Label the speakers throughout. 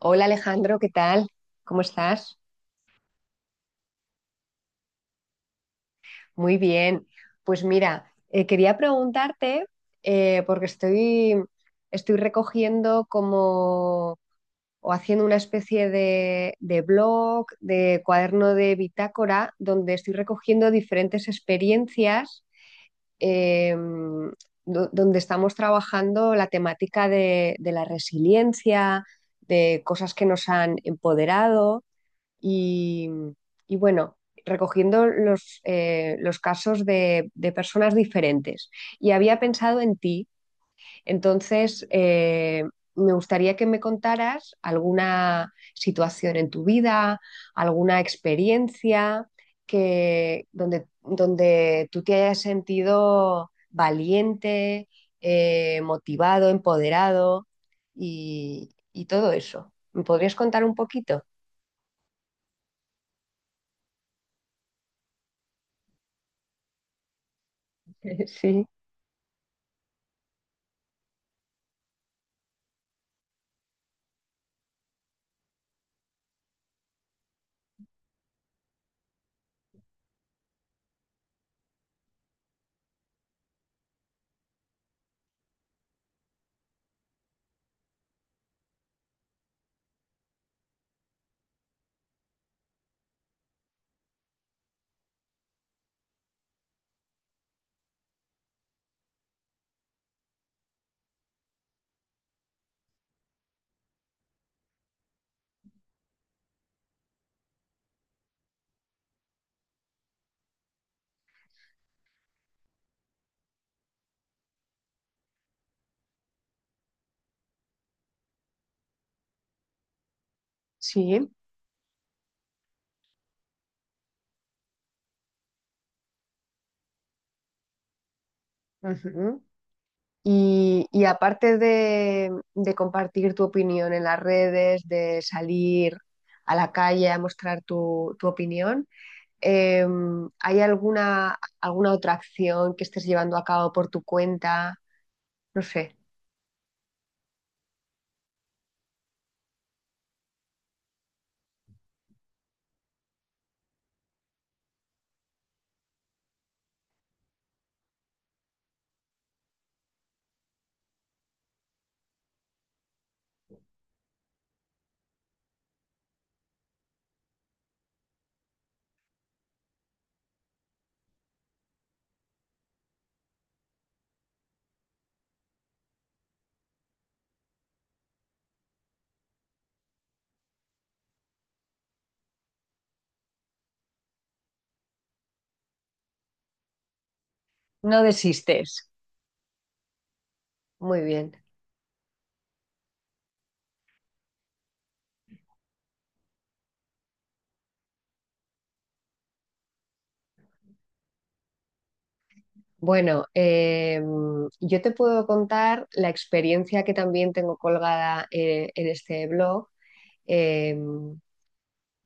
Speaker 1: Hola Alejandro, ¿qué tal? ¿Cómo estás? Muy bien. Pues mira, quería preguntarte, porque estoy, estoy recogiendo como o haciendo una especie de blog, de cuaderno de bitácora, donde estoy recogiendo diferentes experiencias eh, donde estamos trabajando la temática de la resiliencia, de cosas que nos han empoderado. Y, y bueno, recogiendo los casos de personas diferentes. Y había pensado en ti, entonces me gustaría que me contaras alguna situación en tu vida, alguna experiencia que, donde, donde tú te hayas sentido valiente, motivado, empoderado y todo eso. ¿Me podrías contar un poquito? Sí, sí. Ujú. Y aparte de compartir tu opinión en las redes, de salir a la calle a mostrar tu, tu opinión, eh, ¿hay alguna, alguna otra acción que estés llevando a cabo por tu cuenta? No sé. No desistes. Muy bien. Bueno, yo te puedo contar la experiencia que también tengo colgada en este blog. Eh,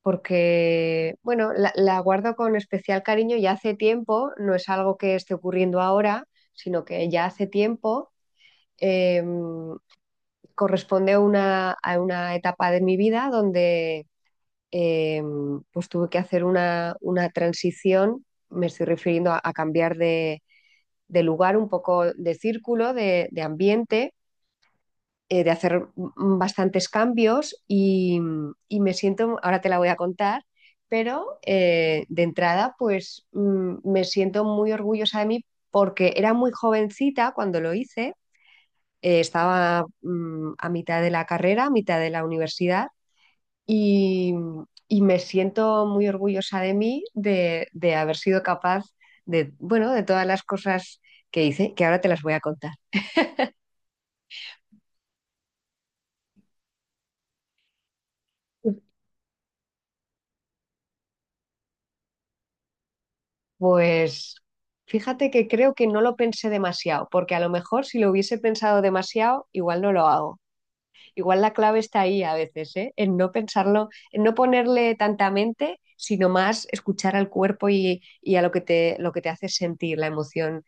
Speaker 1: porque, bueno, la guardo con especial cariño ya hace tiempo, no es algo que esté ocurriendo ahora, sino que ya hace tiempo eh, corresponde a una etapa de mi vida donde eh, pues tuve que hacer una transición, me estoy refiriendo a cambiar de lugar, un poco de círculo, de ambiente de hacer bastantes cambios y, me siento, ahora te la voy a contar, pero de entrada pues me siento muy orgullosa de mí porque era muy jovencita cuando lo hice, estaba a mitad de la carrera, a mitad de la universidad y, y me siento muy orgullosa de mí de haber sido capaz de, bueno, de todas las cosas que hice, que ahora te las voy a contar. Pues fíjate que creo que no lo pensé demasiado, porque a lo mejor si lo hubiese pensado demasiado, igual no lo hago. Igual la clave está ahí a veces, ¿eh? En no pensarlo, en no ponerle tanta mente, sino más escuchar al cuerpo y a lo que te hace sentir, la emoción.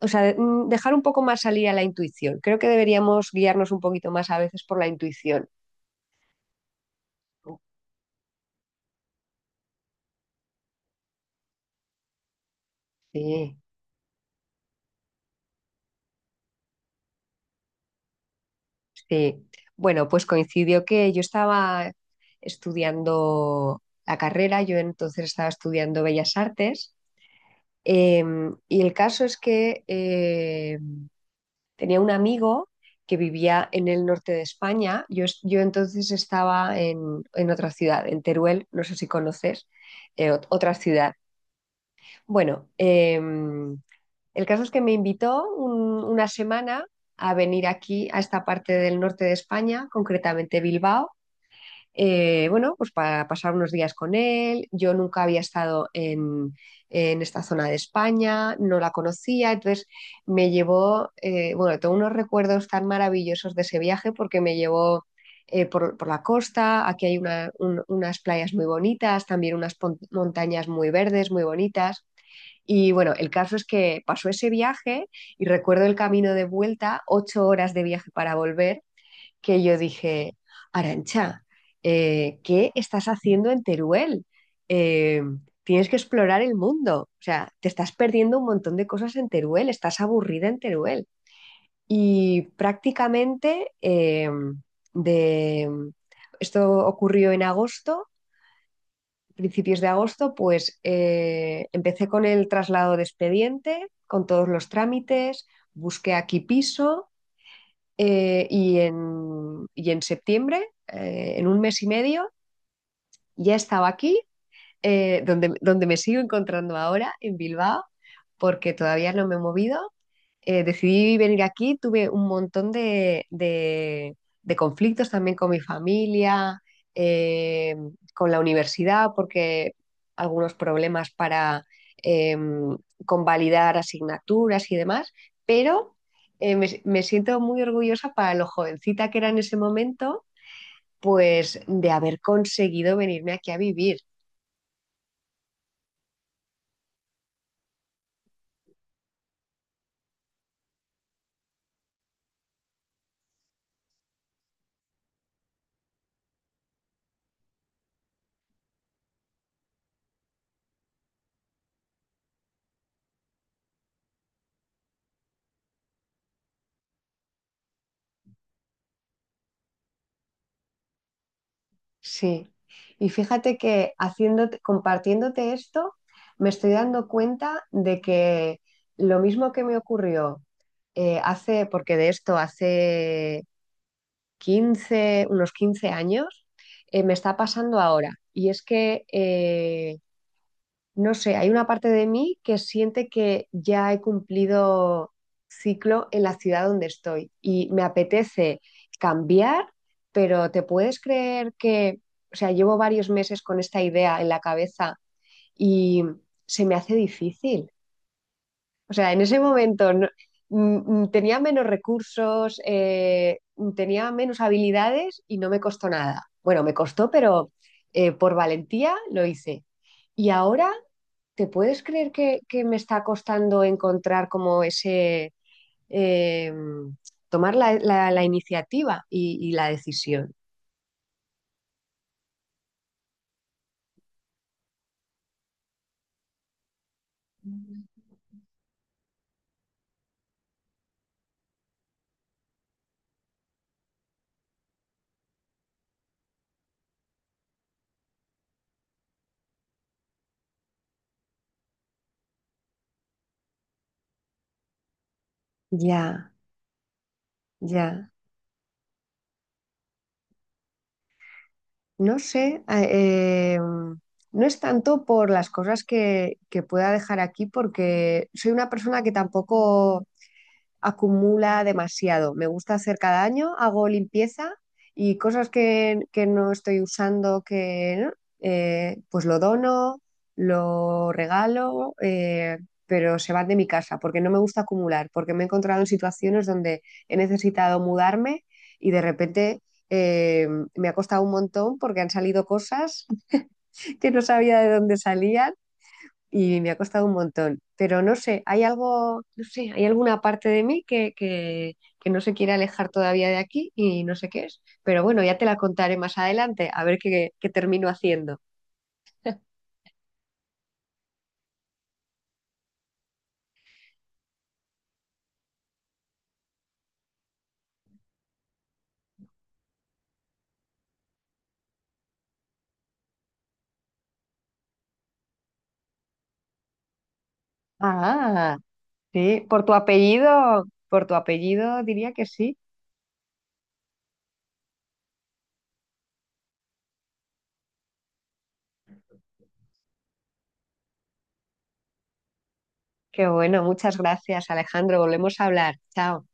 Speaker 1: O sea, dejar un poco más salir a la intuición. Creo que deberíamos guiarnos un poquito más a veces por la intuición. Sí. Sí, bueno, pues coincidió que yo estaba estudiando la carrera, yo entonces estaba estudiando Bellas Artes, eh, y el caso es que tenía un amigo que vivía en el norte de España, yo, yo entonces estaba en otra ciudad, en Teruel, no sé si conoces, otra ciudad. Bueno, el caso es que me invitó una semana a venir aquí, a esta parte del norte de España, concretamente Bilbao. Bueno, pues para pasar unos días con él. Yo nunca había estado en esta zona de España, no la conocía, entonces me llevó, bueno, tengo unos recuerdos tan maravillosos de ese viaje porque me llevó por la costa, aquí hay unas playas muy bonitas, también unas montañas muy verdes, muy bonitas. Y bueno, el caso es que pasó ese viaje y recuerdo el camino de vuelta, 8 horas de viaje para volver, que yo dije, Arancha, ¿qué estás haciendo en Teruel? Eh, tienes que explorar el mundo. O sea, te estás perdiendo un montón de cosas en Teruel, estás aburrida en Teruel. Y prácticamente de esto ocurrió en agosto, principios de agosto, pues empecé con el traslado de expediente, con todos los trámites, busqué aquí piso y en septiembre, en un mes y medio, ya estaba aquí donde, donde me sigo encontrando ahora, en Bilbao, porque todavía no me he movido. Decidí venir aquí, tuve un montón de, de conflictos también con mi familia, eh, con la universidad, porque algunos problemas para em, convalidar asignaturas y demás, pero me, me siento muy orgullosa para lo jovencita que era en ese momento, pues de haber conseguido venirme aquí a vivir. Sí, y fíjate que haciéndote, compartiéndote esto, me estoy dando cuenta de que lo mismo que me ocurrió hace, porque de esto hace 15 unos 15 años, me está pasando ahora. Y es que no sé, hay una parte de mí que siente que ya he cumplido ciclo en la ciudad donde estoy y me apetece cambiar, pero ¿te puedes creer que, o sea, llevo varios meses con esta idea en la cabeza y se me hace difícil? O sea, en ese momento tenía menos recursos, tenía menos habilidades y no me costó nada. Bueno, me costó, pero por valentía lo hice. Y ahora... ¿Te puedes creer que me está costando encontrar como ese, eh, tomar la, la iniciativa y la decisión? Ya, ya. No sé, no es tanto por las cosas que pueda dejar aquí, porque soy una persona que tampoco acumula demasiado. Me gusta hacer cada año, hago limpieza y cosas que no estoy usando, que ¿no? Pues lo dono, lo regalo, pero se van de mi casa porque no me gusta acumular, porque me he encontrado en situaciones donde he necesitado mudarme y de repente... eh, me ha costado un montón porque han salido cosas que no sabía de dónde salían y me ha costado un montón. Pero no sé, hay algo, no sé, hay alguna parte de mí que no se quiere alejar todavía de aquí y no sé qué es. Pero bueno, ya te la contaré más adelante, a ver qué, qué termino haciendo. Ah, sí, por tu apellido diría que sí. Qué bueno, muchas gracias, Alejandro. Volvemos a hablar. Chao.